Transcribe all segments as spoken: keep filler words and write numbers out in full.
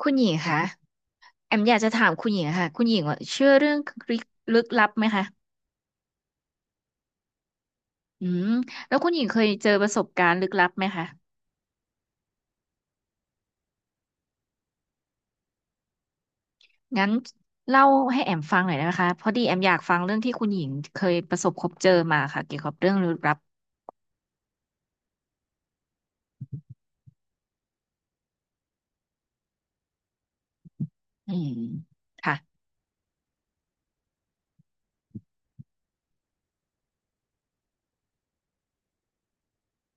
คุณหญิงคะ แอมอยากจะถามคุณหญิงค่ะคุณหญิงว่าเชื่อเรื่องลึกลึกลับไหมคะอืมแล้วคุณหญิงเคยเจอประสบการณ์ลึกลับไหมคะงั้นเล่าให้แอมฟังหน่อยได้ไหมคะพอดีแอมอยากฟังเรื่องที่คุณหญิงเคยประสบพบเจอมาค่ะเกี่ยวกับเรื่องลึกลับอืมค่ะ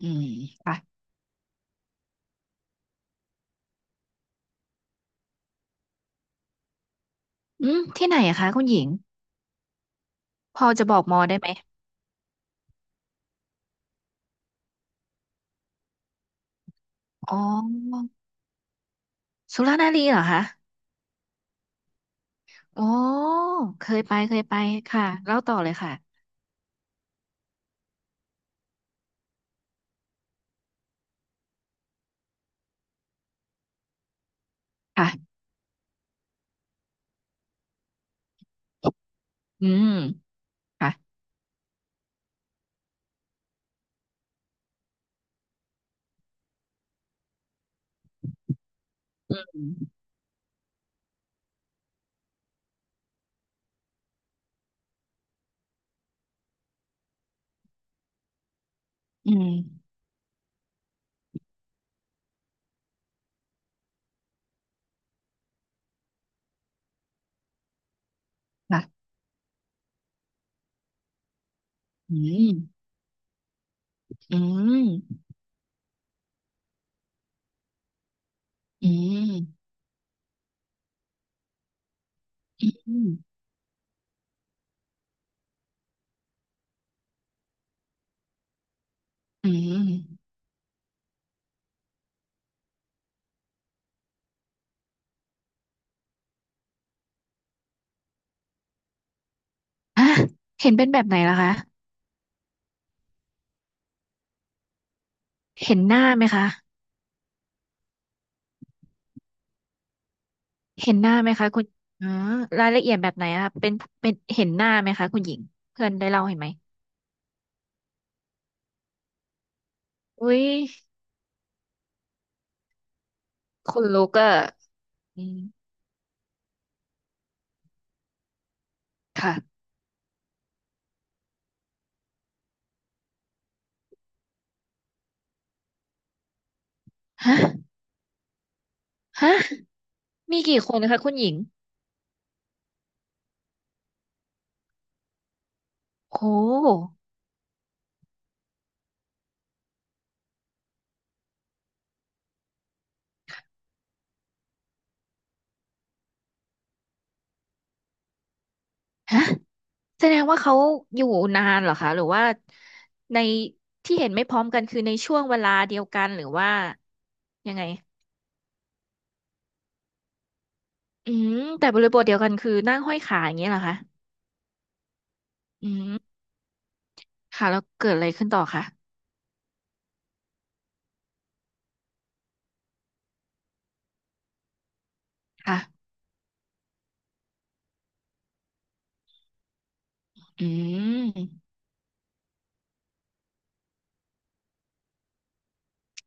อืมค่ะอืมที่ไหนอะคะคุณหญิงพอจะบอกมอได้ไหมอ๋อสุรานารีเหรอคะอ๋อเคยไปเคยไปค่ะเล่าต่อเลยค่ะค่ะอืมค่ะอืม อืมค่ะอืมอืมอืมอืมอืมอ่ะเห็นเป็นแบบไหนล่ะคะเห็นหน้าไหมคะ เห็นหน้าไหมคะคุณอ๋อรายละเอียดแบบไหนอะคะเป็นเป็นเห็นหน้าไหมคะคุณหญิงเพื่อนได้เล่าเห็นไหมอุ้ยคนลูกอะอืมค่ะฮะฮะมีกี่คนนะคะคุณหญิง โอ้ แสดงว่าเขาอยู่นานเหรอคะหรือว่าในที่เห็นไม่พร้อมกันคือในช่วงเวลาเดียวกันหรือว่ายังไงอืมแต่บริบทเดียวกันคือนั่งห้อยขาอย่างเงี้ยเหรอคะอืมค่ะแล้วเกิดอะไรขึ้นต่อคะค่ะอืม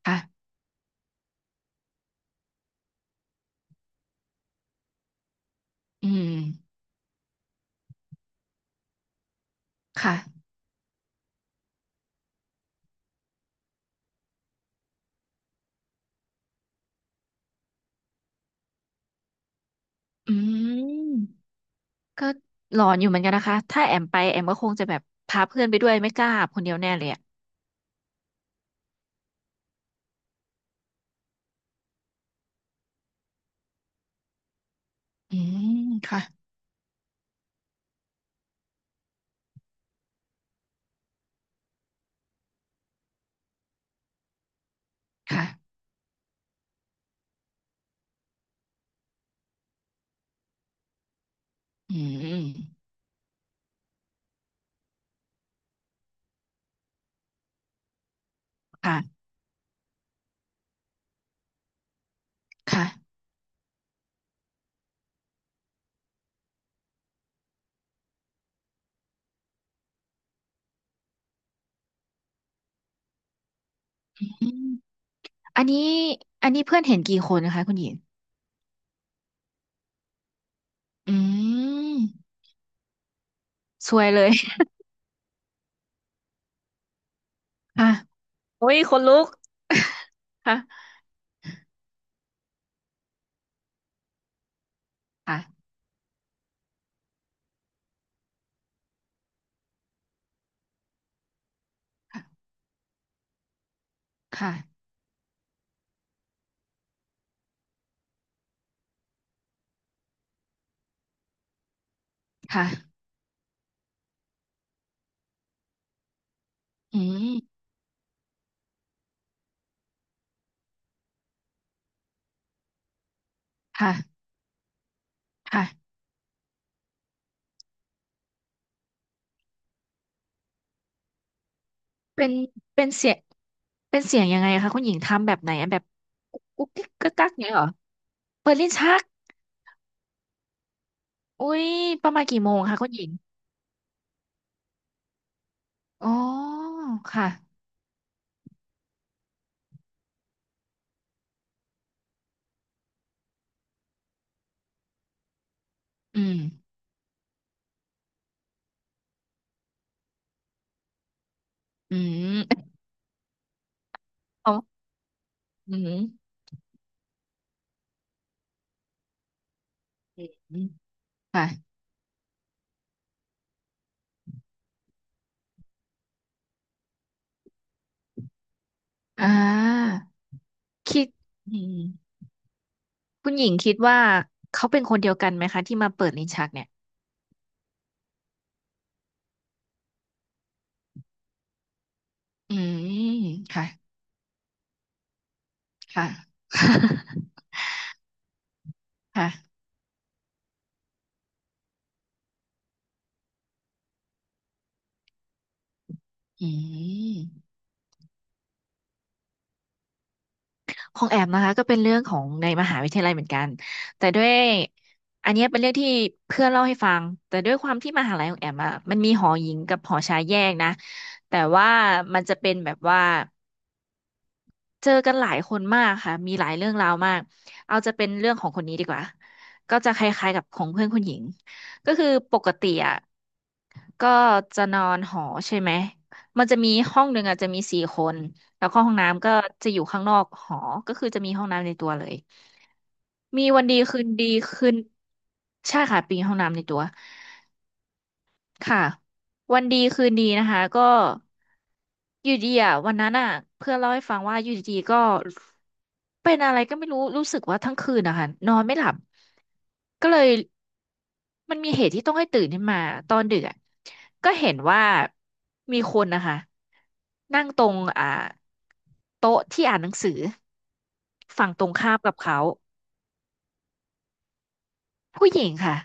ค่ะอืมค่ะอืมก็หลอนอยู่เหมือนกันนะคะถ้าแอมไปแอมก็คงจะแบบพาเพื่อนไปด้วยไม่กล้าคนเดียวแน่เลยอ่ะอืมค่ะค่ะอืมค่ะค่ะ อันนี้อันนี้เพื่อนเห็นกี่คนนะคะคุณหญิงอืมซวยเลยค่ะ โอ้ยคนลุก ค่ะค่ะค่ะค่ะอืมค่ะค่ะเป็นเป็นเสียงเป็นเสียงยังไงคะคุณหญิงทำแบบไหนอะแบบกุ๊กกิ๊กกักกักเงี้ยเหรอเปิดลิ้นชักอุ้ยประมาณกี่โมงคะคุณหญิงอ๋อค่ะอืมอืมอ๋ออืมอืมค่ะอ่าคิดอืม คุณหญิงคิดว่าเขาเป็นคนเดียวกันไหมคะที่มาเปิดลิ้นชักเนี่ยอืมค่ะค่ะ ค่ะอืมของแอมนะคะก็เป็นเรื่องของในมหาวิทยาลัยเหมือนกัน แต่ด้วยอันเนี้ยเป็นเรื่องที่เพื่อนเล่าให้ฟัง แต่ด้วยความที่มหาลัยของแอมอ่ะมันมีหอหญิงกับหอชายแยกนะแต่ว่ามันจะเป็นแบบว่าเจอกันหลายคนมากค่ะมีหลายเรื่องราวมากเอาจะเป็นเรื่องของคนนี้ดีกว่าก็จะคล้ายๆกับของเพื่อนคุณหญิงก็คือปกติอ่ะ ก็จะนอนหอใช่ไหม มันจะมีห้องหนึ่งอ่ะจะมีสี่คน แล้วก็ห้องน้ำก็จะอยู่ข้างนอกหอ ก็คือจะมีห้องน้ำในตัวเลย มีวันดีคืนดีคืนใช่ค่ะ ปีห้องน้ำในตัว ค่ะวันดีคืนดีนะคะก็อยู่ดีอ่ะวันนั้นอ่ะเพื่อนเล่าให้ฟังว่าอยู่ดีๆก็เป็นอะไรก็ไม่รู้รู้สึกว่าทั้งคืนนะคะนอนไม่หลับก็เลยมันมีเหตุที่ต้องให้ตื่นขึ้นมาตอนดึกอ่ะก็เห็นว่ามีคนนะคะนั่งตรงอ่าโต๊ะที่อ่านหนังสือฝั่งตรงข้ามกับเขาผู้หญิงค่ะ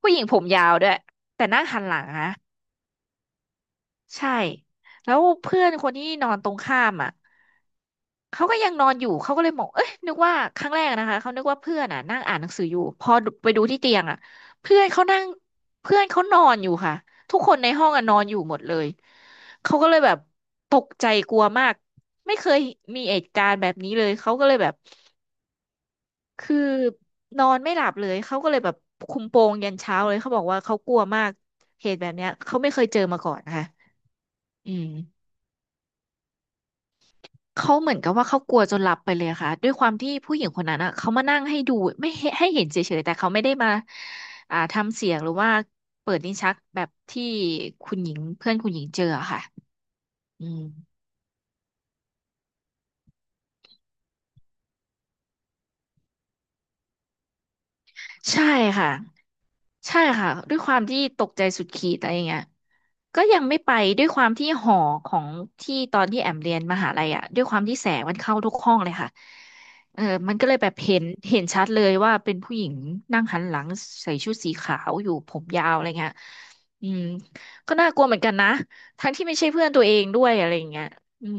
ผู้หญิงผมยาวด้วยแต่นั่งหันหลังนะ ใช่แล้วเพื่อนคนที่นอนตรงข้ามอ่ะเขาก็ยังนอนอยู่เขาก็เลยมองเอ้ยนึกว่าครั้งแรกนะคะเขานึกว่าเพื่อนอ่ะนั่งอ่านหนังสืออยู่พอไปดูที่เตียงอ่ะเพื่อนเขานั่งเพื่อนเขานอนอยู่ค่ะทุกคนในห้องอ่ะนอนอยู่หมดเลยเขาก็เลยแบบตกใจกลัวมากไม่เคยมีเหตุการณ์แบบนี้เลยเขาก็เลยแบบคือนอนไม่หลับเลยเขาก็เลยแบบคุมโปงยันเช้าเลยเขาบอกว่าเขากลัวมากเหตุแบบเนี้ยเขาไม่เคยเจอมาก่อนนะคะอืม เขาเหมือนกับว่าเขากลัวจนหลับไปเลยอะค่ะด้วยความที่ผู้หญิงคนนั้นอ่ะเขามานั่งให้ดูไม่ให้ให้เห็นเฉยๆแต่เขาไม่ได้มาอ่าทำเสียงหรือว่าเปิดลิ้นชักแบบที่คุณหญิงเพื่อนคุณหญิงเจออะค่ะอืม ใช่ค่ะใช่ค่ะด้วยความที่ตกใจสุดขีดอะไรอย่างเงี้ยก็ยังไม่ไปด้วยความที่หอของที่ตอนที่แอมเรียนมหาลัยอ่ะด้วยความที่แสงมันเข้าทุกห้องเลยค่ะเออมันก็เลยแบบเห็นเห็นชัดเลยว่าเป็นผู้หญิงนั่งหันหลังใส่ชุดสีขาวอยู่ผมยาวอะไรเงี้ยอืมก็น่ากลัวเหมือนกันนะทั้งที่ไม่ใช่เพื่อนตัวเองด้วยอะไรอย่างเงี้ยอืม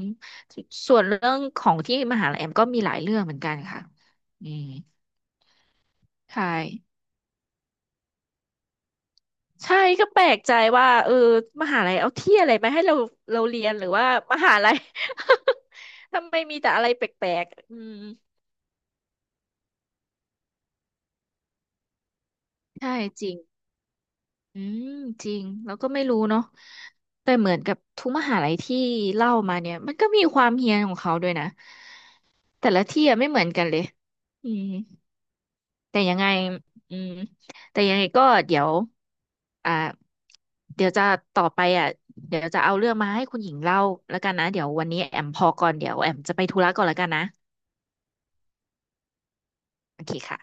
ส่วนเรื่องของที่มหาลัยแอมก็มีหลายเรื่องเหมือนกันค่ะอืมใช่ ใช่ก็แปลกใจว่าเออมหาลัยเอาที่อะไรมาให้เราเราเรียนหรือว่ามหาลัย ทำไมมีแต่อะไรแปลกๆอืมใช่จริงอืมจริงแล้วก็ไม่รู้เนาะแต่เหมือนกับทุกมหาลัยที่เล่ามาเนี่ยมันก็มีความเฮี้ยนของเขาด้วยนะแต่ละที่อะไม่เหมือนกันเลยอืม แต่ยังไงอืมแต่ยังไงก็เดี๋ยวอ่าเดี๋ยวจะต่อไปอ่ะเดี๋ยวจะเอาเรื่องมาให้คุณหญิงเล่าแล้วกันนะ เดี๋ยววันนี้แอมพอก่อนเดี๋ยวแอมจะไปธุระก่อนแล้วกันนะ โอเคค่ะ